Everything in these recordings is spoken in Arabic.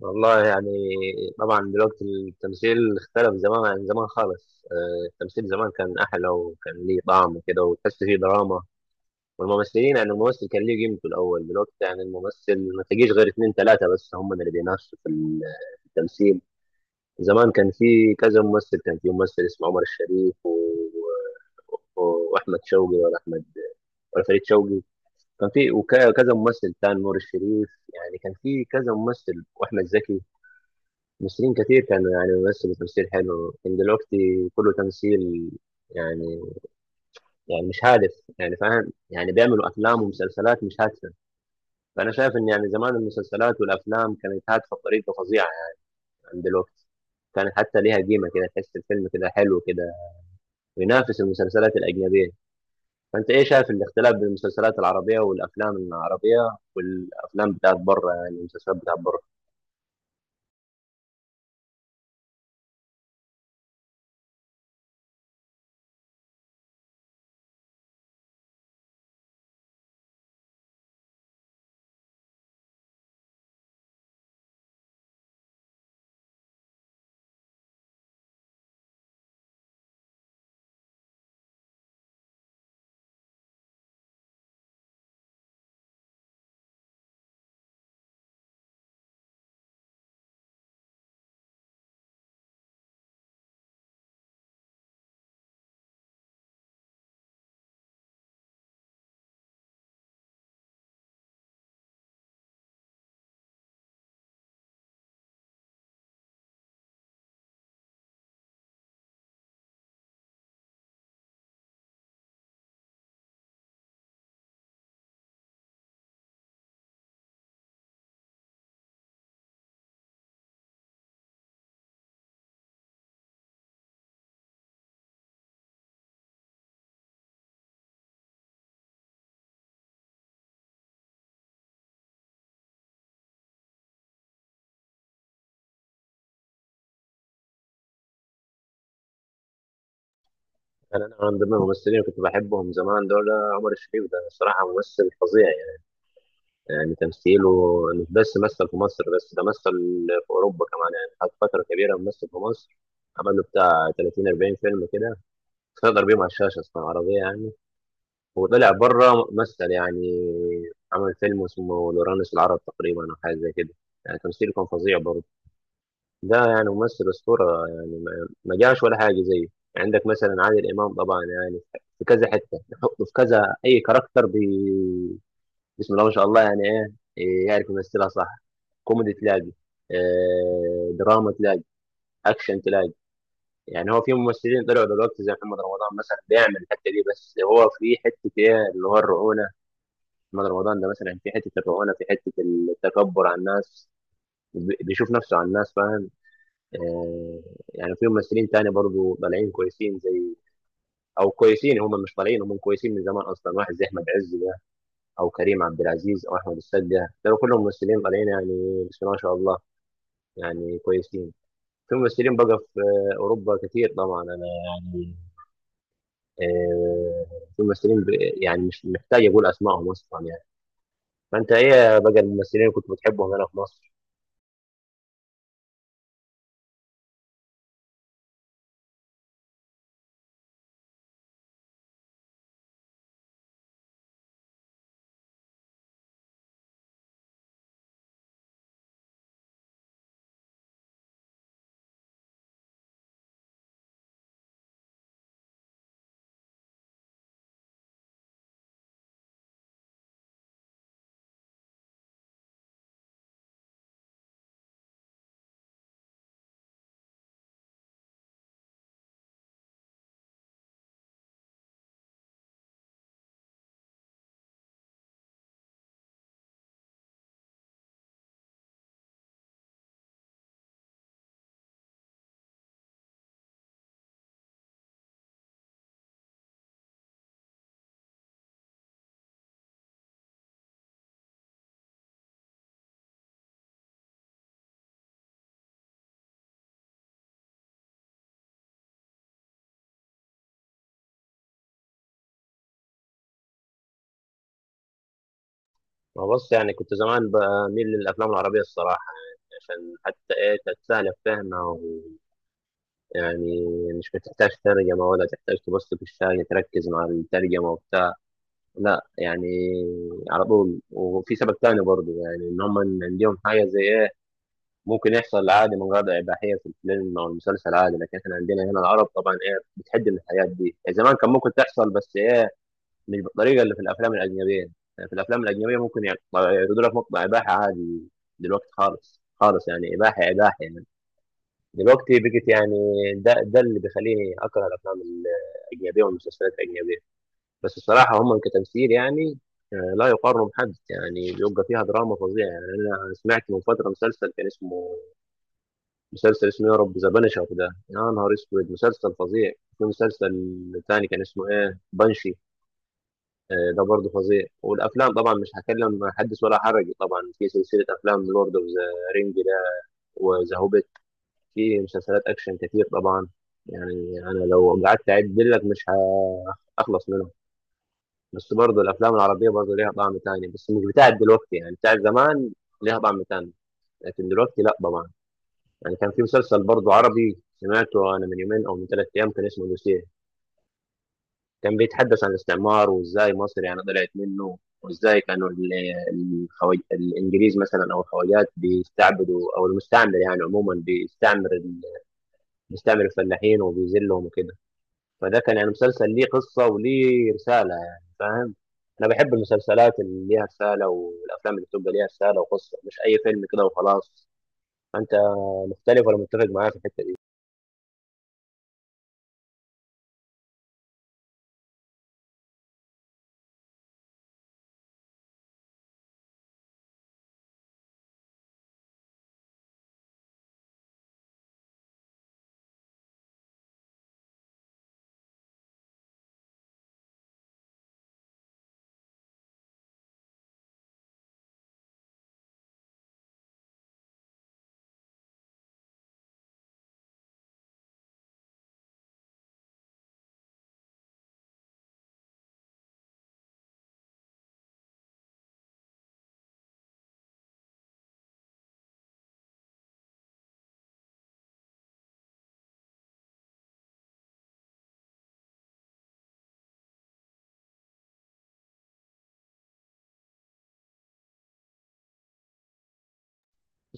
والله يعني. طبعا دلوقتي التمثيل اختلف زمان عن زمان خالص، التمثيل زمان كان أحلى وكان ليه طعم كده وتحس فيه دراما. والممثلين يعني الممثل كان ليه قيمته الأول. دلوقتي يعني الممثل ما تجيش غير اتنين تلاتة بس، هم اللي بينافسوا في في التمثيل. زمان كان في كذا ممثل، كان في ممثل اسمه عمر الشريف و... و- وأحمد شوقي، ولا أحمد ولا فريد شوقي. كان في وكذا ممثل تاني، نور الشريف، يعني كان في كذا ممثل وأحمد زكي. ممثلين كتير كانوا يعني بيمثلوا تمثيل حلو. كان دلوقتي كله تمثيل يعني، يعني مش هادف يعني، فاهم؟ يعني بيعملوا افلام ومسلسلات مش هادفه. فانا شايف ان يعني زمان المسلسلات والافلام كانت هادفه بطريقه فظيعه يعني عن دلوقتي. كانت حتى ليها قيمه كده، تحس الفيلم كده حلو كده، وينافس المسلسلات الاجنبيه. فانت ايه شايف الاختلاف بين المسلسلات العربيه والافلام العربيه والافلام بتاعت بره، يعني المسلسلات بتاعت بره؟ يعني انا من ضمن الممثلين اللي كنت بحبهم زمان دول عمر الشريف. ده الصراحه ممثل فظيع، يعني تمثيله مش بس مثل في مصر، بس ده مثل في أوروبا كمان. يعني قعد فترة كبيرة ممثل في مصر، عمل له بتاع 30 40 فيلم كده، سيطر بيهم على الشاشة أصلا عربية يعني. وطلع بره مثل يعني، عمل فيلم اسمه لورانوس العرب تقريبا أو حاجة زي كده. يعني تمثيله كان فظيع برضه. ده يعني ممثل أسطورة، يعني ما جاش ولا حاجة زيه. عندك مثلا عادل إمام طبعا، يعني في كذا حتة نحطه، في كذا أي كاركتر. بسم الله ما شاء الله يعني، إيه، يعرف يمثلها صح. كوميدي تلاقي، دراما تلاقي، اكشن تلاقي. يعني هو في ممثلين طلعوا دلوقتي زي محمد رمضان مثلا، بيعمل الحته دي، بس هو في حته ايه، اللي هو الرعونه. محمد رمضان ده مثلا في حته الرعونه، في حته التكبر على الناس، بيشوف نفسه على الناس، فاهم؟ آه، يعني في ممثلين تاني برضه طالعين كويسين، زي، او كويسين، هم مش طالعين، هم كويسين من زمان اصلا، واحد زي احمد عز ده، او كريم عبد العزيز، او احمد السقا. دول كلهم ممثلين طالعين يعني، بسم الله ما شاء الله، يعني كويسين. في ممثلين بقى في أوروبا كتير طبعا، أنا يعني، آه، يعني مش محتاج أقول أسمائهم أصلا يعني. فأنت إيه بقى الممثلين اللي كنت بتحبهم هنا في مصر؟ ما بص، يعني كنت زمان بميل للأفلام العربية الصراحة، يعني عشان حتى إيه، تتسهل في فهمها يعني مش بتحتاج ترجمة، ولا تحتاج تبص في الشاشة تركز مع الترجمة وبتاع، لا يعني على طول. وفي سبب تاني برضه، يعني إن هم عندهم حاجة زي إيه، ممكن يحصل عادي من غير إباحية في الفيلم أو المسلسل عادي. لكن إحنا عندنا هنا العرب طبعا إيه، بتحد من الحاجات دي. يعني زمان كان ممكن تحصل بس إيه، مش بالطريقة اللي في الأفلام الأجنبية. يعني في الأفلام الأجنبية ممكن يعني يعرضوا لك مقطع إباحة عادي، دلوقتي خالص خالص، يعني إباحة إباحة يعني، دلوقتي بقت يعني. ده اللي بيخليني أكره الأفلام الأجنبية والمسلسلات الأجنبية. بس الصراحة هم كتمثيل يعني، لا يقارنوا بحد. يعني بيبقى فيها دراما فظيعة. يعني أنا سمعت من فترة مسلسل كان اسمه، مسلسل اسمه يا رب ذا بنشر ده، يا نهار اسود، مسلسل فظيع. في مسلسل تاني كان اسمه ايه، بنشي، ده برضه فظيع. والافلام طبعا مش هكلم، حدث ولا حرج طبعا، في سلسله افلام لورد اوف ذا رينج ده، وذا هوبيت. في مسلسلات اكشن كتير طبعا، يعني انا لو قعدت اعد لك مش هخلص منهم. بس برضه الافلام العربيه برضه ليها طعم تاني، بس مش بتاعت دلوقتي، يعني بتاعت زمان ليها طعم تاني، لكن دلوقتي لا طبعا. يعني كان في مسلسل برضه عربي سمعته انا من يومين او من ثلاث ايام، كان اسمه دوسيه. كان بيتحدث عن الاستعمار، وازاي مصر يعني طلعت منه، وازاي كانوا الانجليز مثلا او الخواجات بيستعبدوا، او المستعمر يعني عموما بيستعمر بيستعمر الفلاحين وبيذلهم وكده. فده كان يعني مسلسل ليه قصه وليه رساله، يعني فاهم؟ انا بحب المسلسلات اللي ليها رساله، والافلام اللي بتبقى ليها رساله وقصه، مش اي فيلم كده وخلاص. انت مختلف ولا متفق معايا في الحته دي؟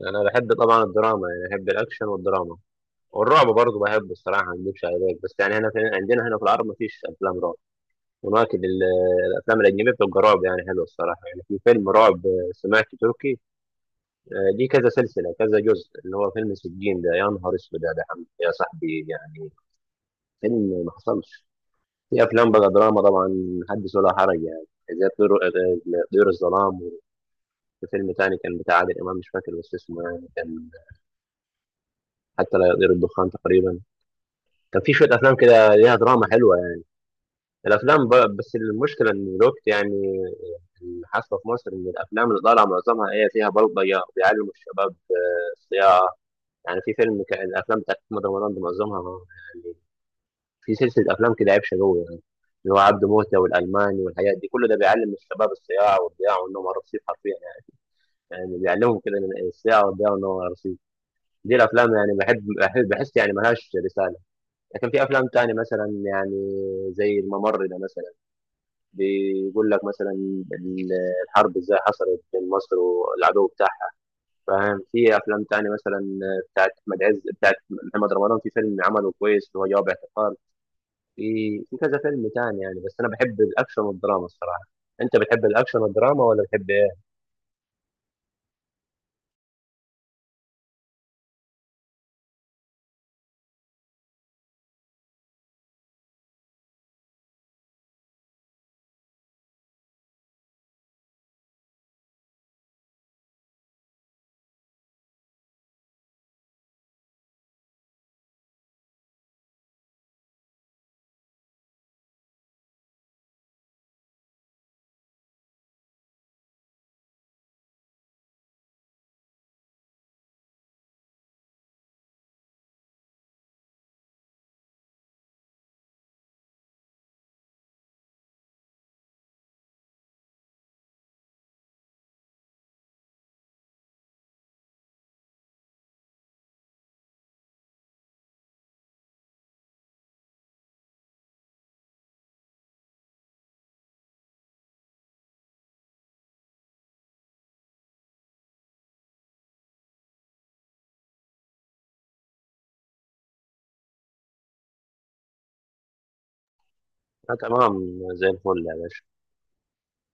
يعني انا بحب طبعا الدراما، يعني بحب الاكشن والدراما، والرعب برضه بحبه الصراحه، ما اكذبش عليك. بس يعني هنا في عندنا هنا في العرب ما فيش افلام رعب. هناك الافلام الاجنبيه بتبقى رعب، يعني حلوه الصراحه. يعني في فيلم رعب سمعت تركي، دي كذا سلسله كذا جزء، اللي هو فيلم سجين ده، يا نهار اسود، يا ده حمد يا صاحبي، يعني فيلم ما حصلش. في افلام بقى دراما طبعا حدث ولا حرج يعني، زي طيور، طيور الظلام. وفي فيلم تاني كان بتاع عادل امام مش فاكر بس اسمه، يعني كان حتى لا يطير الدخان تقريبا. كان في شويه افلام كده ليها دراما حلوه يعني. الافلام بس المشكله ان الوقت يعني اللي حاصله في مصر، ان الافلام اللي طالعه معظمها ايه، فيها بلطجه وبيعلموا الشباب الصياعه. يعني في فيلم كان، الافلام بتاعت محمد رمضان دي معظمها يعني، في سلسله افلام كده، عيب شقوي يعني، اللي هو عبده موته والالماني والحاجات دي كله، ده بيعلم الشباب الصياعه والضياع وانهم رصيف حرفيا يعني. يعني بيعلمهم كده إن الصياعه والضياع وانهم رصيف. دي الافلام يعني بحس يعني ملهاش رساله. لكن في افلام تانية مثلا يعني زي الممر ده مثلا، بيقول لك مثلا ال- الحرب ازاي حصلت بين مصر والعدو بتاعها، فاهم؟ في افلام تانية مثلا بتاعت احمد عز، بتاعت محمد رمضان، في فيلم عمله كويس اللي هو جواب اعتقال. في في كذا فيلم تاني يعني. بس انا بحب الاكشن والدراما الصراحة. انت بتحب الاكشن والدراما، ولا بتحب ايه؟ آه تمام، زي الفل يعني.